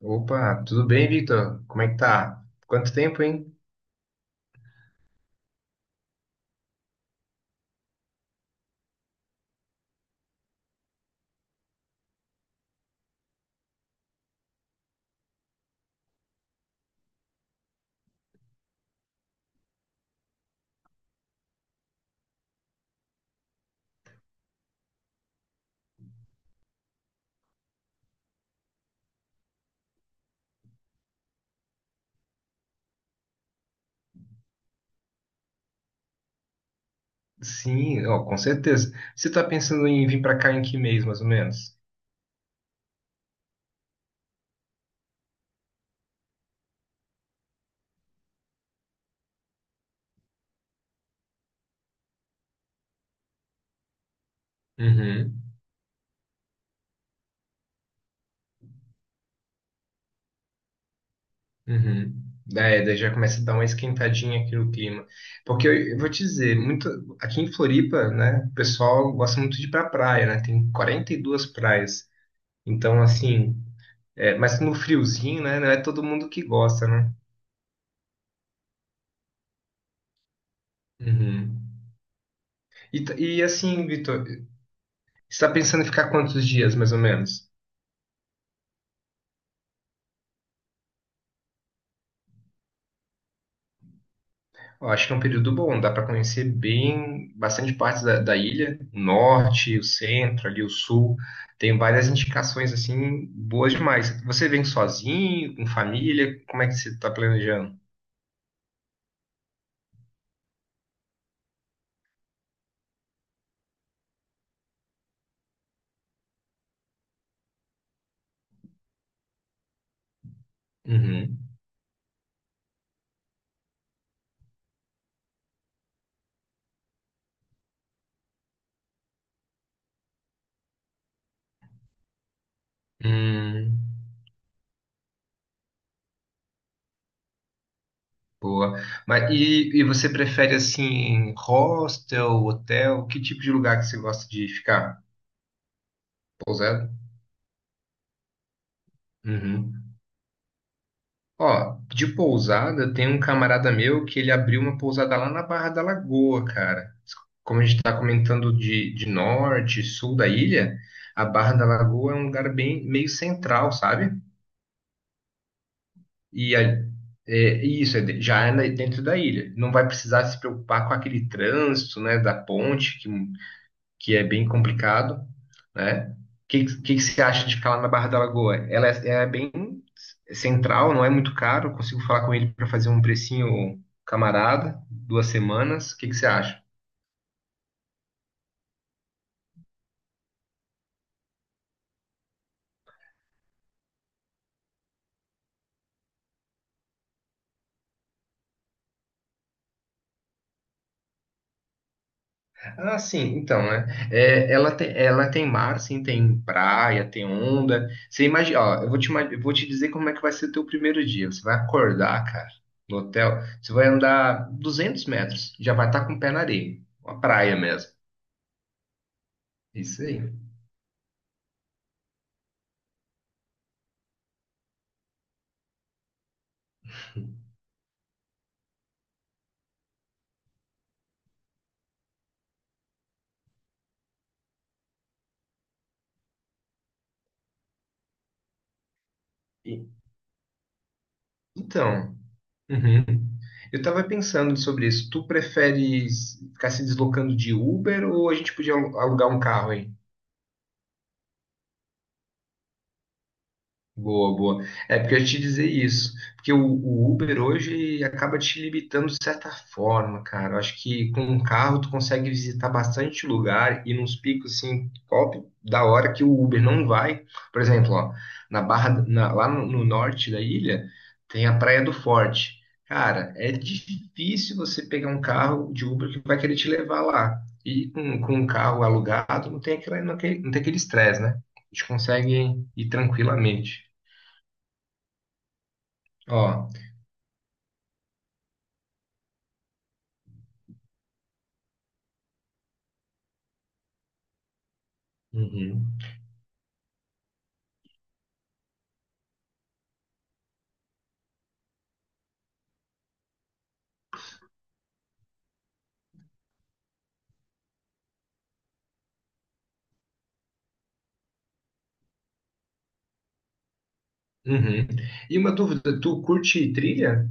Opa, tudo bem, Victor? Como é que tá? Quanto tempo, hein? Sim, ó, com certeza. Você tá pensando em vir pra cá em que mês, mais ou menos? Uhum, uhum. É, daí já começa a dar uma esquentadinha aqui no clima. Porque eu vou te dizer, muito, aqui em Floripa, né, o pessoal gosta muito de ir pra praia, né? Tem 42 praias. Então, assim, é, mas no friozinho, né, não é todo mundo que gosta, né? Uhum. E assim, Vitor, você tá pensando em ficar quantos dias, mais ou menos? Eu acho que é um período bom, dá para conhecer bem bastante partes da ilha, o norte, o centro, ali o sul. Tem várias indicações assim boas demais. Você vem sozinho, com família? Como é que você está planejando? Uhum. Hum, boa. Mas e você prefere assim hostel, hotel? Que tipo de lugar que você gosta de ficar? Pousada? Uhum. Ó, de pousada tem um camarada meu que ele abriu uma pousada lá na Barra da Lagoa, cara. Como a gente está comentando de norte, sul da ilha, a Barra da Lagoa é um lugar bem meio central, sabe? E a- É, isso, já é dentro da ilha. Não vai precisar se preocupar com aquele trânsito, né, da ponte, que é bem complicado, né? O que você acha de ficar lá na Barra da Lagoa? Ela é, é bem central, não é muito caro. Consigo falar com ele para fazer um precinho camarada, duas semanas. O que você acha? Ah, sim, então, né? É, ela tem mar, sim, tem praia, tem onda. Você imagina, ó, eu vou te dizer como é que vai ser o teu primeiro dia. Você vai acordar, cara, no hotel, você vai andar 200 metros, já vai estar com o pé na areia, uma praia mesmo. Isso aí. E- então, uhum. Eu tava pensando sobre isso. Tu prefere ficar se deslocando de Uber ou a gente podia alugar um carro. Boa, boa. É porque eu ia te dizer isso, porque o Uber hoje acaba te limitando de certa forma, cara. Eu acho que com um carro tu consegue visitar bastante lugar e nos picos assim, top da hora que o Uber não vai. Por exemplo, ó, lá no norte da ilha tem a Praia do Forte. Cara, é difícil você pegar um carro de Uber que vai querer te levar lá. E com um carro alugado não tem aquela, não tem aquele estresse, né? A gente consegue ir tranquilamente. Ó, uhum, uhum. E uma dúvida, tu curte trilha?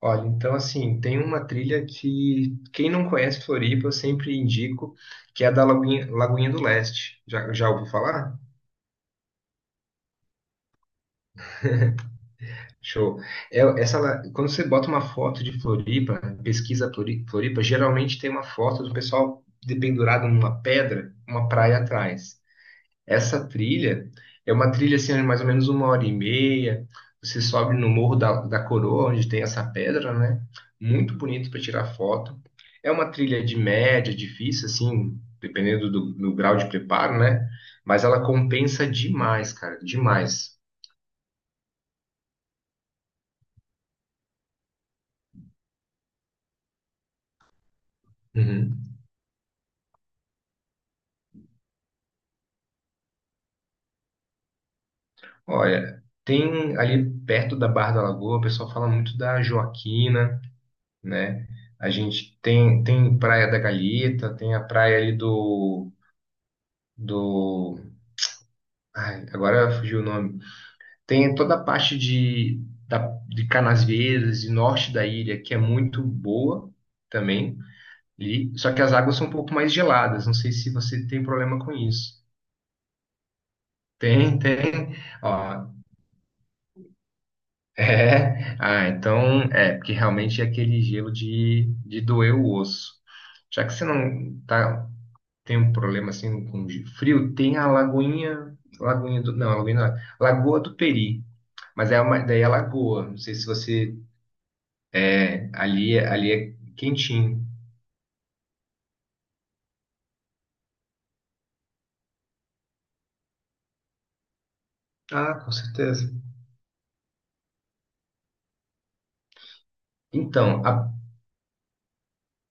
Olha, então assim, tem uma trilha que quem não conhece Floripa, eu sempre indico, que é a da Lagoinha, Lagoinha do Leste. Já ouviu falar? Show. É, quando você bota uma foto de Floripa, pesquisa Floripa, geralmente tem uma foto do pessoal dependurado numa pedra, uma praia atrás. Essa trilha é uma trilha assim, de mais ou menos 1h30. Você sobe no Morro da Coroa, onde tem essa pedra, né? Muito bonito para tirar foto. É uma trilha de média, difícil, assim, dependendo do grau de preparo, né? Mas ela compensa demais, cara, demais. Uhum. Olha, tem ali perto da Barra da Lagoa, o pessoal fala muito da Joaquina, né? A gente tem, tem Praia da Galheta, tem a praia ali do Ai, agora fugiu o nome. Tem toda a parte de, da, de Canasvieiras e norte da ilha, que é muito boa também. E, só que as águas são um pouco mais geladas. Não sei se você tem problema com isso. Tem, tem. Ó, é. Ah, então é, porque realmente é aquele gelo de doer o osso. Já que você não tá, tem um problema assim com de frio, tem a Lagoinha, Lagoinha do, não, a Lagoinha, não, Lagoa do Peri. Mas é uma, daí é lagoa. Não sei se você. É, ali, ali é quentinho. Ah, com certeza. Então,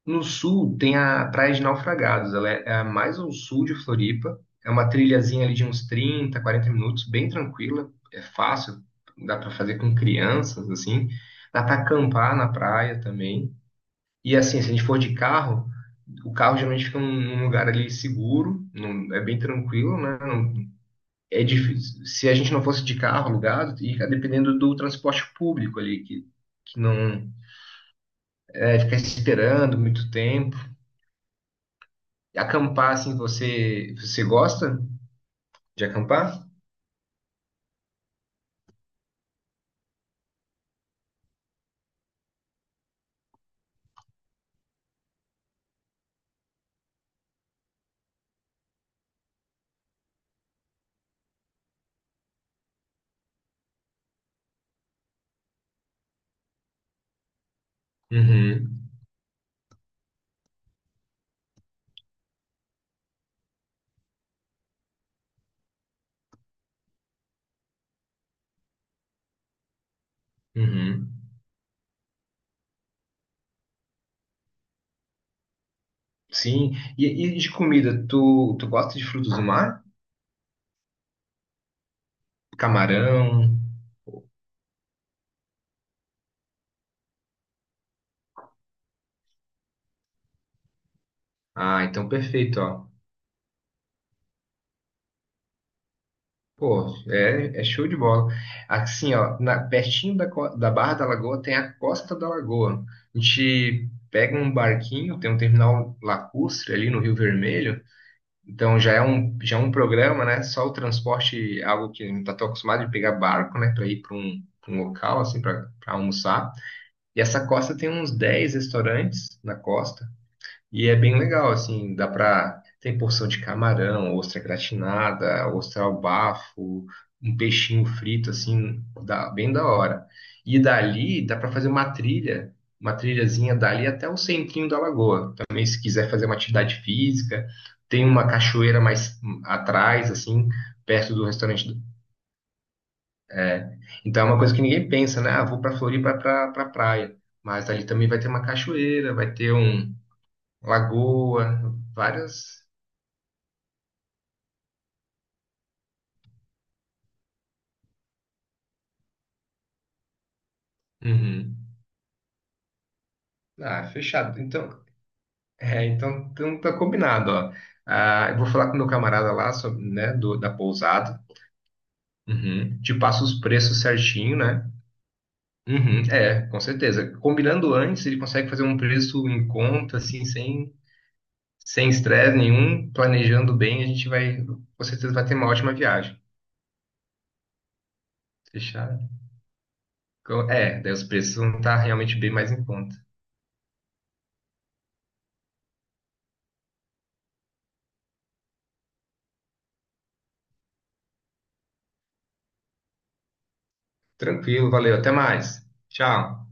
no sul tem a Praia de Naufragados. Ela é, é a mais ao sul de Floripa. É uma trilhazinha ali de uns 30, 40 minutos, bem tranquila. É fácil, dá para fazer com crianças, assim. Dá para acampar na praia também. E assim, se a gente for de carro, o carro geralmente fica num lugar ali seguro, é bem tranquilo, né? Não é difícil. Se a gente não fosse de carro alugado, ia dependendo do transporte público ali, que não é, ficar esperando muito tempo. E acampar, assim, você gosta de acampar? Uhum, uhum. Sim. E de comida, tu gosta de frutos do mar? Camarão? Ah, então perfeito, ó. Pô, é, é show de bola. Assim, ó, na, pertinho da, da Barra da Lagoa tem a Costa da Lagoa. A gente pega um barquinho, tem um terminal lacustre ali no Rio Vermelho. Então já é um programa, né? Só o transporte, algo que não está tão acostumado de pegar barco, né? Para ir para um, pra um local, assim, para almoçar. E essa costa tem uns 10 restaurantes na costa. E é bem legal, assim, dá pra. Tem porção de camarão, ostra gratinada, ostra ao bafo, um peixinho frito, assim, dá, bem da hora. E dali dá pra fazer uma trilha, uma trilhazinha dali até o centrinho da lagoa. Também, se quiser fazer uma atividade física, tem uma cachoeira mais atrás, assim, perto do restaurante. É. Então é uma coisa que ninguém pensa, né? Ah, vou pra Floripa pra, pra praia. Mas ali também vai ter uma cachoeira, vai ter um lagoa, várias. Uhum. Ah, fechado. Então, é, então tá combinado, ó. Ah, eu vou falar com meu camarada lá, sobre, né, do, da pousada. Uhum. Te passo os preços certinho, né? Uhum. É, com certeza. Combinando antes, ele consegue fazer um preço em conta, assim, sem estresse nenhum. Planejando bem, a gente vai, com certeza, vai ter uma ótima viagem. Fechado? É, daí os preços vão estar realmente bem mais em conta. Tranquilo, valeu, até mais. Tchau.